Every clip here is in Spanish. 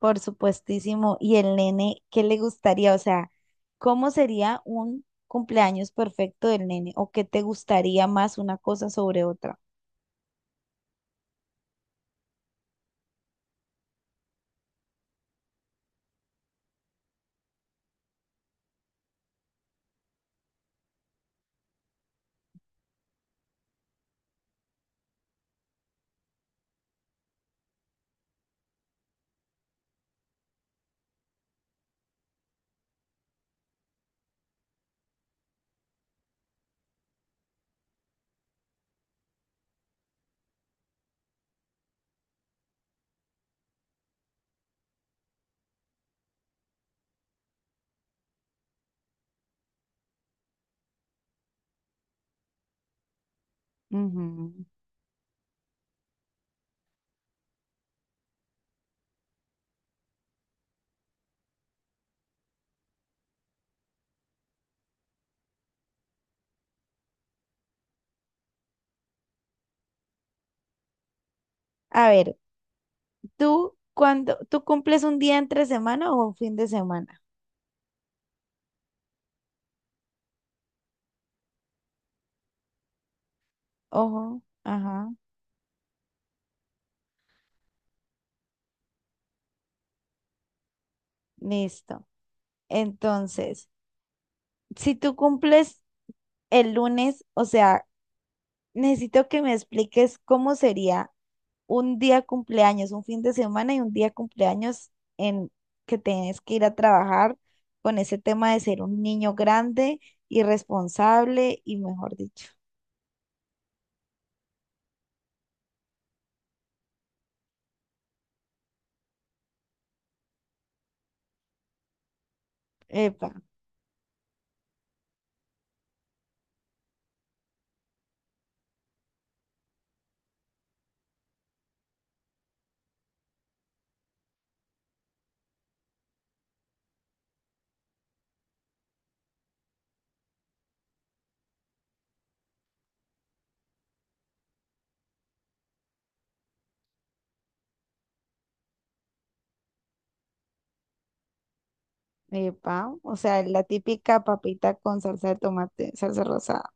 Por supuestísimo. Y el nene, ¿qué le gustaría? O sea, ¿cómo sería un cumpleaños perfecto del nene? ¿O qué te gustaría más una cosa sobre otra? Ujú. A ver, ¿tú cuando tú cumples un día entre semana o un fin de semana? Ojo, ajá, listo. Entonces, si tú cumples el lunes, o sea, necesito que me expliques cómo sería un día cumpleaños, un fin de semana y un día cumpleaños en que tienes que ir a trabajar con ese tema de ser un niño grande y responsable y mejor dicho. Epa, epa, o sea, la típica papita con salsa de tomate, salsa rosada.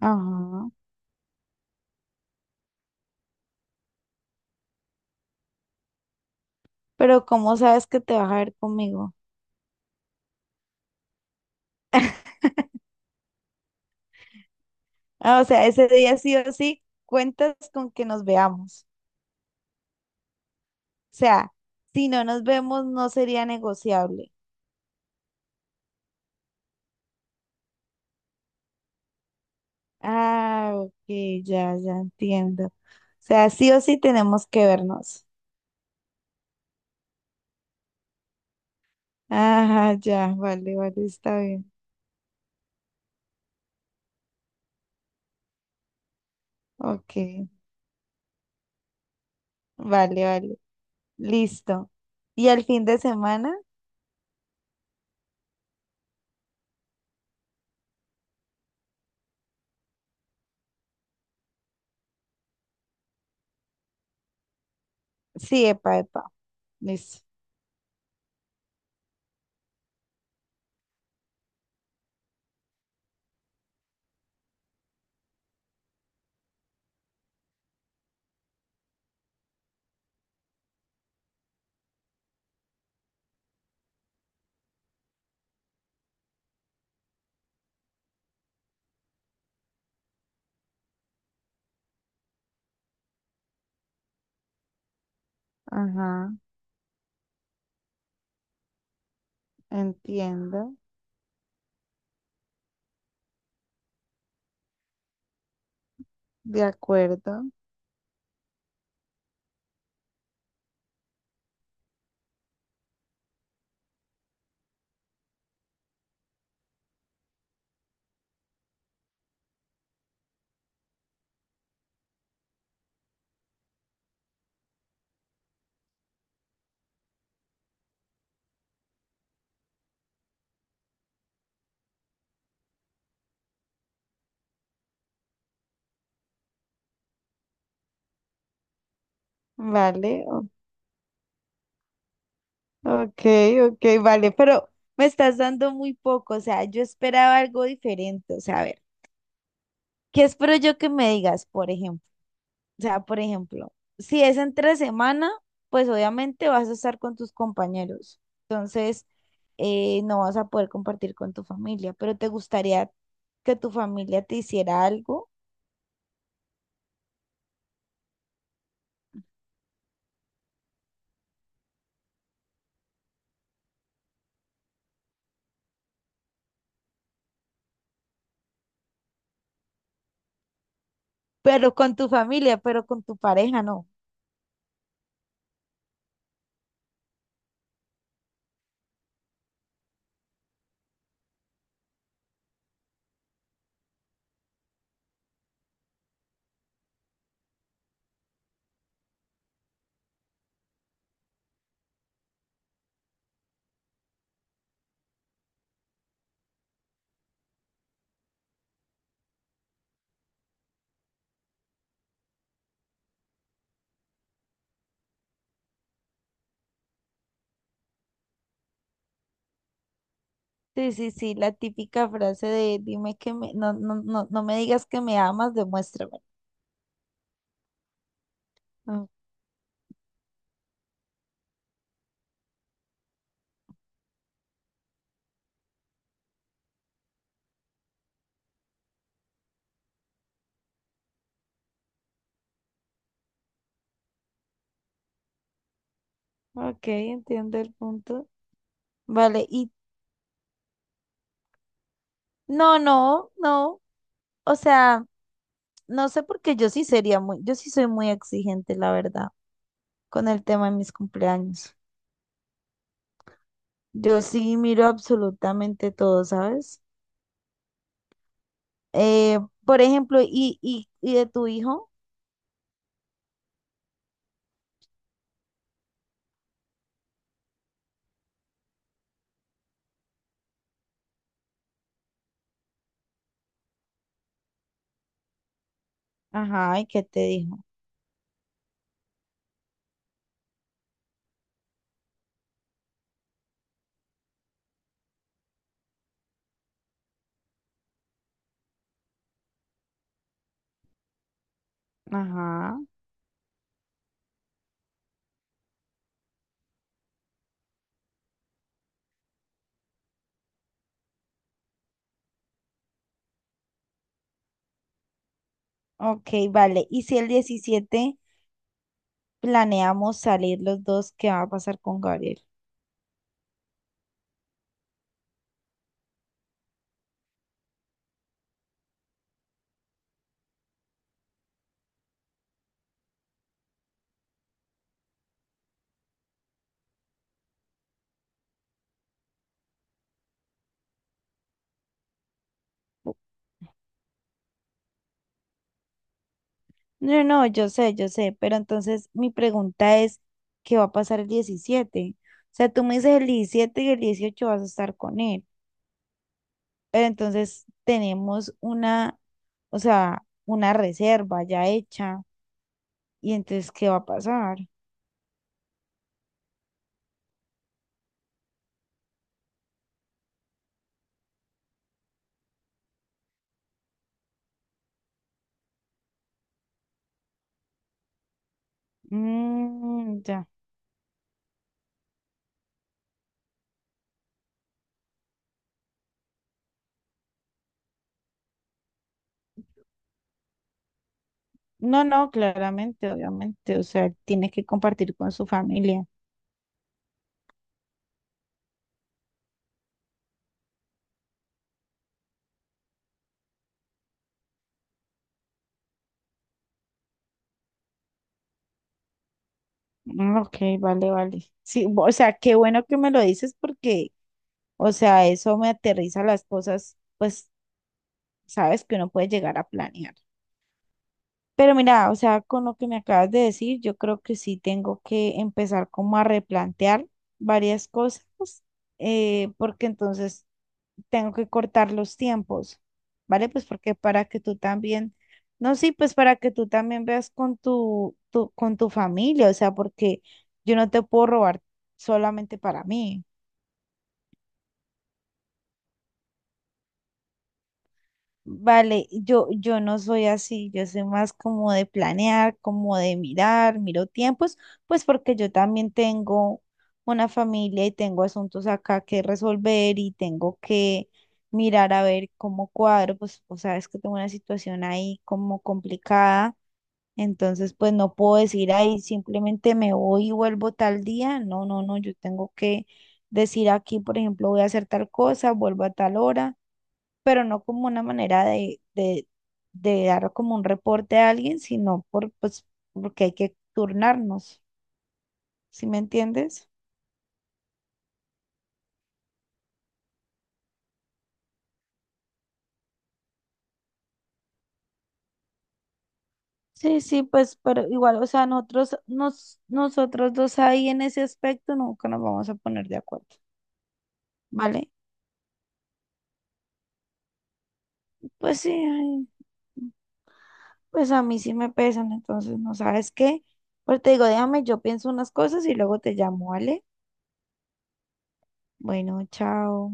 Ajá. Pero ¿cómo sabes que te vas a ver conmigo? Ah, o sea, ese día sí o sí, cuentas con que nos veamos. Sea, si no nos vemos, no sería negociable. Ah, ok, ya, ya entiendo. O sea, sí o sí tenemos que vernos. Ajá, ya, vale, vale, está bien. Ok, vale, vale, listo. ¿Y el fin de semana? Sí, epa, epa, listo. Ajá, entiendo, de acuerdo. Vale, o- ok, ok, vale, pero me estás dando muy poco, o sea, yo esperaba algo diferente, o sea, a ver. ¿Qué espero yo que me digas, por ejemplo? O sea, por ejemplo, si es entre semana, pues obviamente vas a estar con tus compañeros. Entonces, no vas a poder compartir con tu familia, pero te gustaría que tu familia te hiciera algo, pero con tu familia, pero con tu pareja, no. Sí, sí, sí, la típica frase de dime que me, no, no, no, no me digas que me amas, demuéstrame. Ah, ok, entiendo el punto. Vale, y no, no, no, o sea. No sé porque yo sí sería muy, yo sí soy muy exigente, la verdad, con el tema de mis cumpleaños. Yo sí miro absolutamente todo, ¿sabes? Eh, por ejemplo, y de tu hijo. Ajá, ¿y qué te dijo? Ajá. Ok, vale. ¿Y si el 17 planeamos salir los dos, qué va a pasar con Gabriel? No, no, yo sé, pero entonces mi pregunta es, ¿qué va a pasar el 17? O sea, tú me dices el 17 y el 18 vas a estar con él, pero entonces tenemos una, o sea, una reserva ya hecha, y entonces, ¿qué va a pasar? Mm, ya. No, no, claramente, obviamente, o sea, tiene que compartir con su familia. Mm, ok, vale, vale. Sí, o sea, qué bueno que me lo dices porque, o sea, eso me aterriza las cosas, pues sabes que uno puede llegar a planear. Pero mira, o sea, con lo que me acabas de decir, yo creo que sí tengo que empezar como a replantear varias cosas, porque entonces tengo que cortar los tiempos, ¿vale? Pues porque para que tú también, no, sí, pues para que tú también veas con tu, con tu familia, o sea, porque yo no te puedo robar solamente para mí. Vale, yo no soy así, yo soy más como de planear, como de mirar, miro tiempos, pues porque yo también tengo una familia y tengo asuntos acá que resolver y tengo que mirar a ver cómo cuadro, pues o sea, es que tengo una situación ahí como complicada, entonces pues no puedo decir ahí simplemente me voy y vuelvo tal día, no, no, no, yo tengo que decir aquí, por ejemplo, voy a hacer tal cosa, vuelvo a tal hora, pero no como una manera de dar como un reporte a alguien, sino por, pues, porque hay que turnarnos, ¿sí me entiendes? Sí, sí, pues, pero igual, o sea, nosotros dos ahí en ese aspecto nunca nos vamos a poner de acuerdo, ¿vale? Pues sí, ay, pues a mí sí me pesan, entonces, ¿no sabes qué? Pues te digo, déjame, yo pienso unas cosas y luego te llamo, ¿vale? Bueno, chao.